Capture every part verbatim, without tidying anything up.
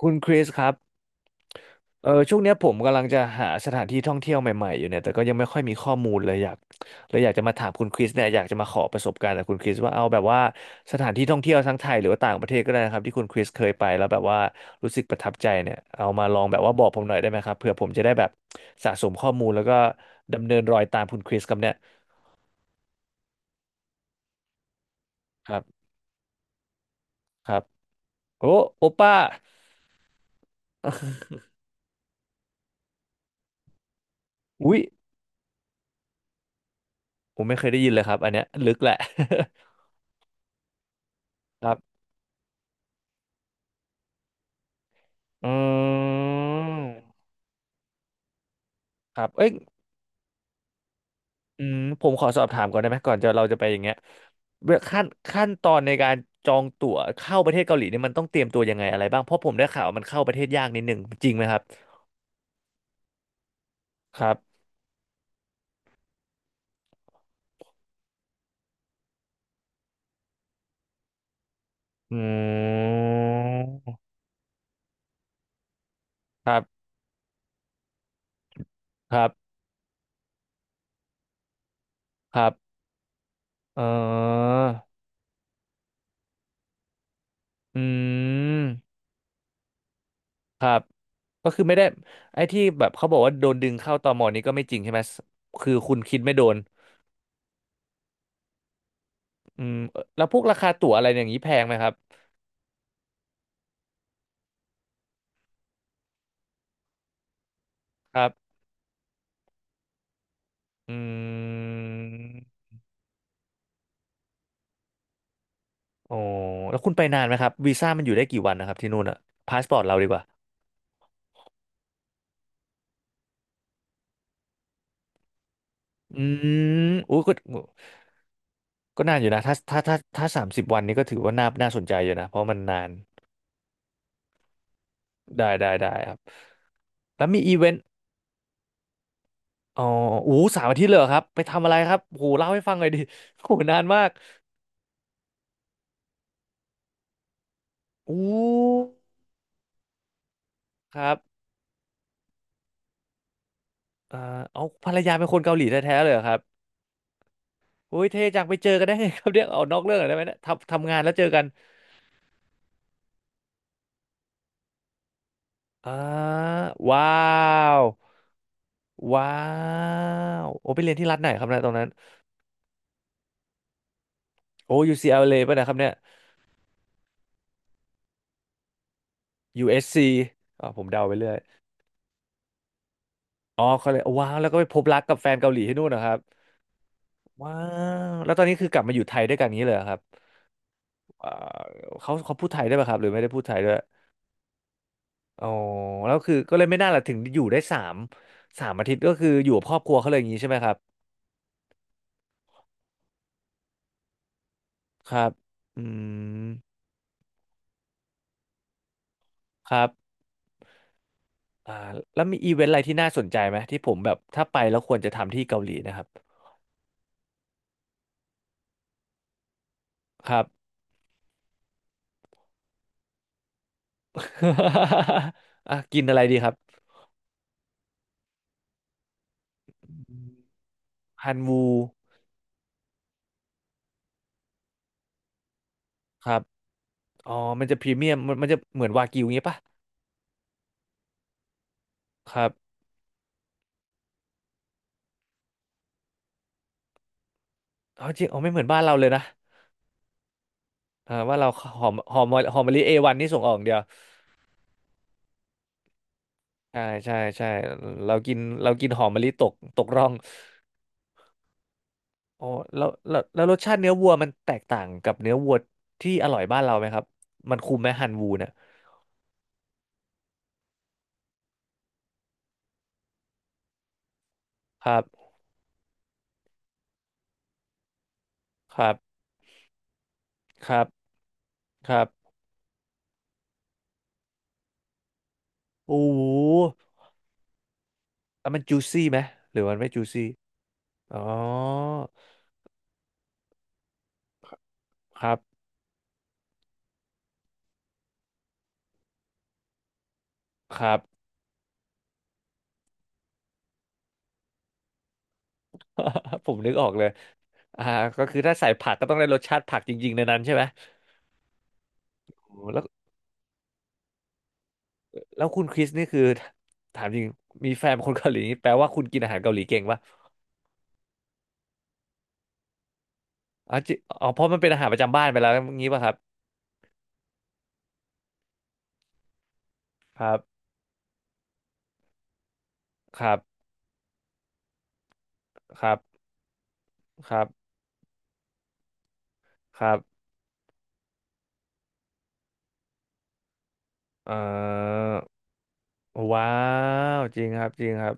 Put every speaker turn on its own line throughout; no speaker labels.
คุณคริสครับเออช่วงเนี้ยผมกำลังจะหาสถานที่ท่องเที่ยวใหม่ๆอยู่เนี่ยแต่ก็ยังไม่ค่อยมีข้อมูลเลยอยากเลยอยากจะมาถามคุณคริสเนี่ยอยากจะมาขอประสบการณ์จากคุณคริสว่าเอาแบบว่าสถานที่ท่องเที่ยวทั้งไทยหรือว่าต่างประเทศก็ได้นะครับที่คุณคริสเคยไปแล้วแบบว่ารู้สึกประทับใจเนี่ยเอามาลองแบบว่าบอกผมหน่อยได้ไหมครับเผื่อผมจะได้แบบสะสมข้อมูลแล้วก็ดำเนินรอยตามคุณคริสครับเนี่ยครับครับโอ้โอป้า อุ๊ยผมไม่เคยได้ยินเลยครับอันเนี้ยลึกแหละ ครับอืมครับเอ้ย อืมผมขอสอบถามก่อนได้ไหมก่อนจะเราจะไปอย่างเงี้ยเวลาขั้นขั้นตอนในการจองตั๋วเข้าประเทศเกาหลีเนี่ยมันต้องเตรียมตัวยังไงอะไรบ้างเพราะผมได้ข่าวมันเข้าประเทศยากนิดหนึ่งจริงไหมครับครับอืมครับครับครับเอออืมครับก็คือไม่ได้ไอ้ที่แบบเขาบอกว่าโดนดึงเข้าตมนี้ก็ไม่จริงใช่ไหมคือคุณคิดไม่โดนอืมเอ่อแล้วพวกราคาตั๋วอะไรอย่างนี้แพงไหมครับครับอืม โอ้แล้วคุณไปนานไหมครับวีซ่ามันอยู่ได้กี่วันนะครับที่นู่นอะพาสปอร์ตเราดีกว่าอืมอู้ก็ก็นานอยู่นะถ้าถ้าถ้าถ้าสามสิบวันนี้ก็ถือว่าน่าน่าสนใจอยู่นะเพราะมันนานได้ได้ได้ครับแล้วมีอีเวนต์อ๋ออู้สามอาทิตย์เลยเหรอครับไปทำอะไรครับโหเล่าให้ฟังหน่อยดิ โหนานมากอู้ครับอ่าเอาภรรยาเป็นคนเกาหลีแท้ๆเลยเหรอครับโอ้ยเท่จังไปเจอกันได้ไงครับเรียกเอานอกเรื่องหน่อยได้ไหมเนะทำทำงานแล้วเจอกันอ่าว้าว ว้าวโอ้ไปเรียนที่รัฐไหนครับเนี่ยตรงนั้นโอ้ ยู ซี แอล เอ ป่ะเนะครับเนี่ย ยู เอส ซี อสซีอ่าผมเดาไปเรื่อยอ๋อเขาเลยว้าวแล้วก็ไปพบรักกับแฟนเกาหลีที่นู่นนะครับว้าวแล้วตอนนี้คือกลับมาอยู่ไทยด้วยกันอย่างนี้เลยเหรอครับอ่าเขาเขาพูดไทยได้ป่ะครับหรือไม่ได้พูดไทยด้วยอ๋อแล้วคือก็เลยไม่น่าล่ะถึงอยู่ได้สามสามอาทิตย์ก็คืออยู่กับครอบครัวเขาเลยอย่างนี้ใช่ไหมครับครับอืม ครับอ่าแล้วมีอีเวนต์อะไรที่น่าสนใจไหมที่ผมแบบถ้าไปแล้วควรจะทำที่เกาหลีนะครับครับ อ่ะกินอะไรดีครับฮันวูครับอ๋อมันจะพรีเมียมมันมันจะเหมือนวากิวอย่างเี้ปะครับอ๋อจริงอ๋อไม่เหมือนบ้านเราเลยนะอ่าว่าเราหอมหอมหอมมะลิเอวันนี่ส่งออกอย่างเดียวใช่ใช่ใช่เรากินเรากินหอมมะลิตกตกร่องอ๋อแล้วแล้วแล้วรสชาติเนื้อวัวมันแตกต่างกับเนื้อวัวที่อร่อยบ้านเราไหมครับมันคุ้มไหมฮันวูเนี่ยครับครับครับครับโอ้โหแล้วมันจูซี่ไหมหรือมันไม่จูซี่อ๋อ ครับครับ ผมนึกออกเลยอ่าก็คือถ้าใส่ผักก็ต้องได้รสชาติผักจริงๆในนั้นใช่ไหมโอ้แล้วแล้วคุณคริสนี่คือถามจริงมีแฟนเป็นคนเกาหลีนี่แปลว่าคุณกินอาหารเกาหลีเก่งปะอ๋อจิอ๋อเพราะมันเป็นอาหารประจำบ้านไปแล้วงี้ป่ะครับครับครับครับครับครับเอ่อว้าวจริงครับจริงครับ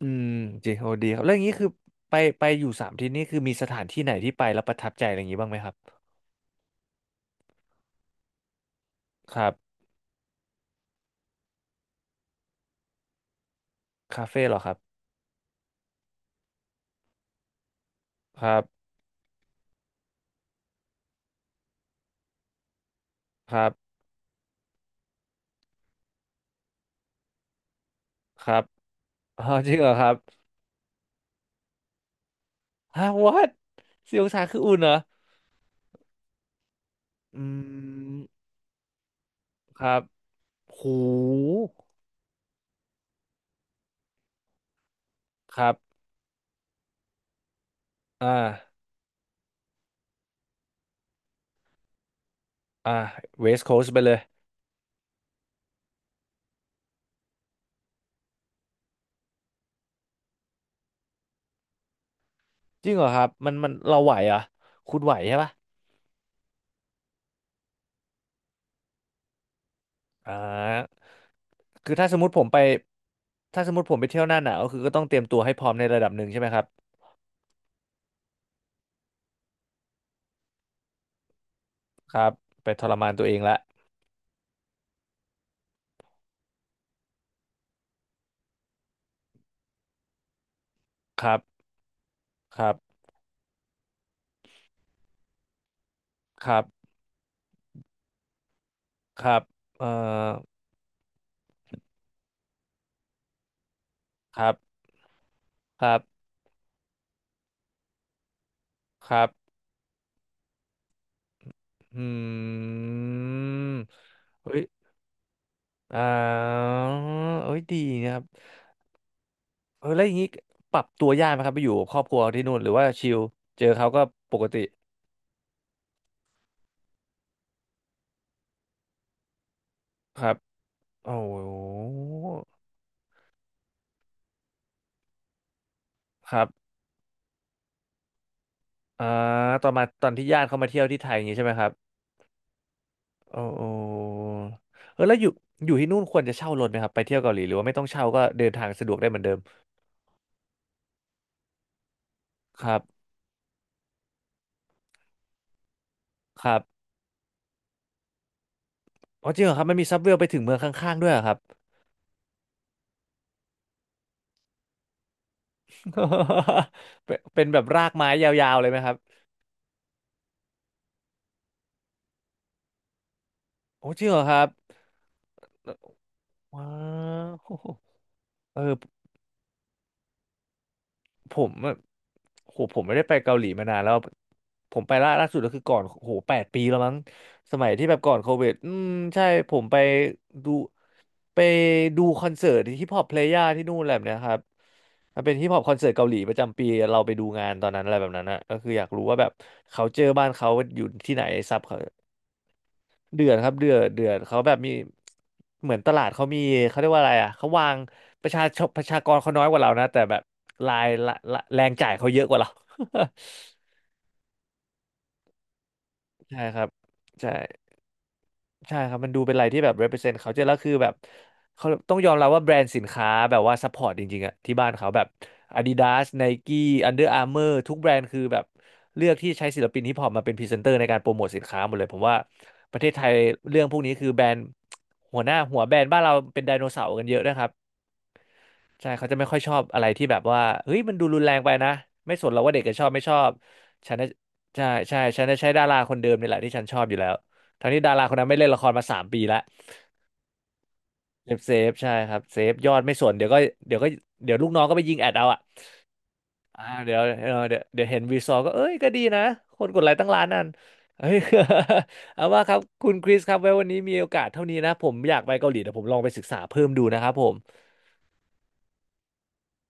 อืมจริงโอ้ดีครับแล้วอย่างนี้คือไปไปอยู่สามที่นี่คือมีสถานที่ไหนที่ไปแล้วประทับใจอะไรอย่างนี้บ้างไหมครับครับคาเฟ่เหรอครับครับครับ ครับ อ๋อจริงเหรอครับฮะ what สี่องศาคืออุ่นเหรออืมครับหูครับ อ่าอ่า w e s ์ c o a s ไปเลย จริงเหรอครับ มันมันเราไหวเหรอ่ะคุณไหวใช่ปะอ่าคือถ้าสมมติผมไปถ้าสมมติผมไปเที่ยวหน้าหนาวก็คือก็ต้องเตรียมตัวให้พร้อมในระดับหนึ่งใช่ไหมครับครับไปทรมานตัวเองละครับครับครับครับเอ่อครับครับครับอืม อ๋อเอ้ยดีนะครับเออแล้วอย่างนี้ปรับตัวยากไหมครับไปอยู่กับครอบครัวที่นู่นหรือว่าชิลเจอเขาก็ปกติครับโอ้โหครับอ่าตอนมาตอนที่ญาติเขามาเที่ยวที่ไทยอย่างนี้ใช่ไหมครับโอ้โหเออแล้วอยู่อยู่ที่นู่นควรจะเช่ารถไหมครับไปเที่ยวเกาหลีหรือว่าไม่ต้องเช่าก็เดินทางสะดวกได้เหมือนเดิมครับครับอ๋อจริงเหรอครับมันมีซับเวลไปถึงเมืองข้างๆด้วยเหรอครับ เป็นเป็นแบบรากไม้ยาวๆเลยไหมครับโอ้จริงเหรอครับ ว้าวเออผมแบโหผมไม่ได้ไปเกาหลีมานานแล้วผมไปล่าล่าสุดก็คือก่อนโหแปดปีแล้วมั้งสมัยที่แบบก่อนโควิดอืมใช่ผมไปดูไปดูคอนเสิร์ตฮิปฮอปเพลย่าที่นู่นแหละเนี่ยครับมันเป็นฮิปฮอปคอนเสิร์ตเกาหลีประจำปีเราไปดูงานตอนนั้นอะไรแบบนั้นนะก็คืออยากรู้ว่าแบบเขาเจอบ้านเขาอยู่ที่ไหนซับเขา เดือดครับเดือดเดือดเขาแบบมีเหมือนตลาดเขามีเขาเรียกว่าอะไรอ่ะเขาวางประชาชนประชากรเขาน้อยกว่าเรานะแต่แบบรายละละแรงจ่ายเขาเยอะกว่าเรา ใช่ครับใช่ ใช่ครับมันดูเป็นอะไรที่แบบ represent เขาเจอแล้วคือแบบเขาต้องยอมรับว่าแบรนด์สินค้าแบบว่า support จริงๆอะที่บ้านเขาแบบ Adidas Nike Under Armour ทุกแบรนด์คือแบบเลือกที่ใช้ศิลปินฮิปฮอปมาเป็นพรีเซนเตอร์ในการโปรโมทสินค้าหมดเลยผมว่าประเทศไทยเรื่องพวกนี้คือแบรนด์หัวหน้าหัวแบรนด์บ้านเราเป็นไดโนเสาร์กันเยอะนะครับใช่เขาจะไม่ค่อยชอบอะไรที่แบบว่าเฮ้ยมันดูรุนแรงไปนะไม่สนหรอกว่าเด็กจะชอบไม่ชอบฉันน่ะใช่ใช่ฉันจะใช้ดาราคนเดิมนี่แหละที่ฉันชอบอยู่แล้วทั้งที่ดาราคนนั้นไม่เล่นละครมาสามปีแล้ว เซฟเซฟใช่ครับเซฟยอดไม่สนเดี๋ยวก็เดี๋ยวก็เดี๋ยวลูกน้องก็ไปยิงแอดเอาอ่ะอ่าเดี๋ยวเออเดี๋ยวเดี๋ยวเห็นวีซอก็เอ้ยก็ดีนะคนกดไลค์ตั้งล้านนั่นเฮ้ย เอาว่าครับคุณคริสครับไว้วันนี้มีโอกาสเท่านี้นะผมอยากไปเกาหลีแต่ผมลองไปศึกษาเพิ่มดูนะครับผม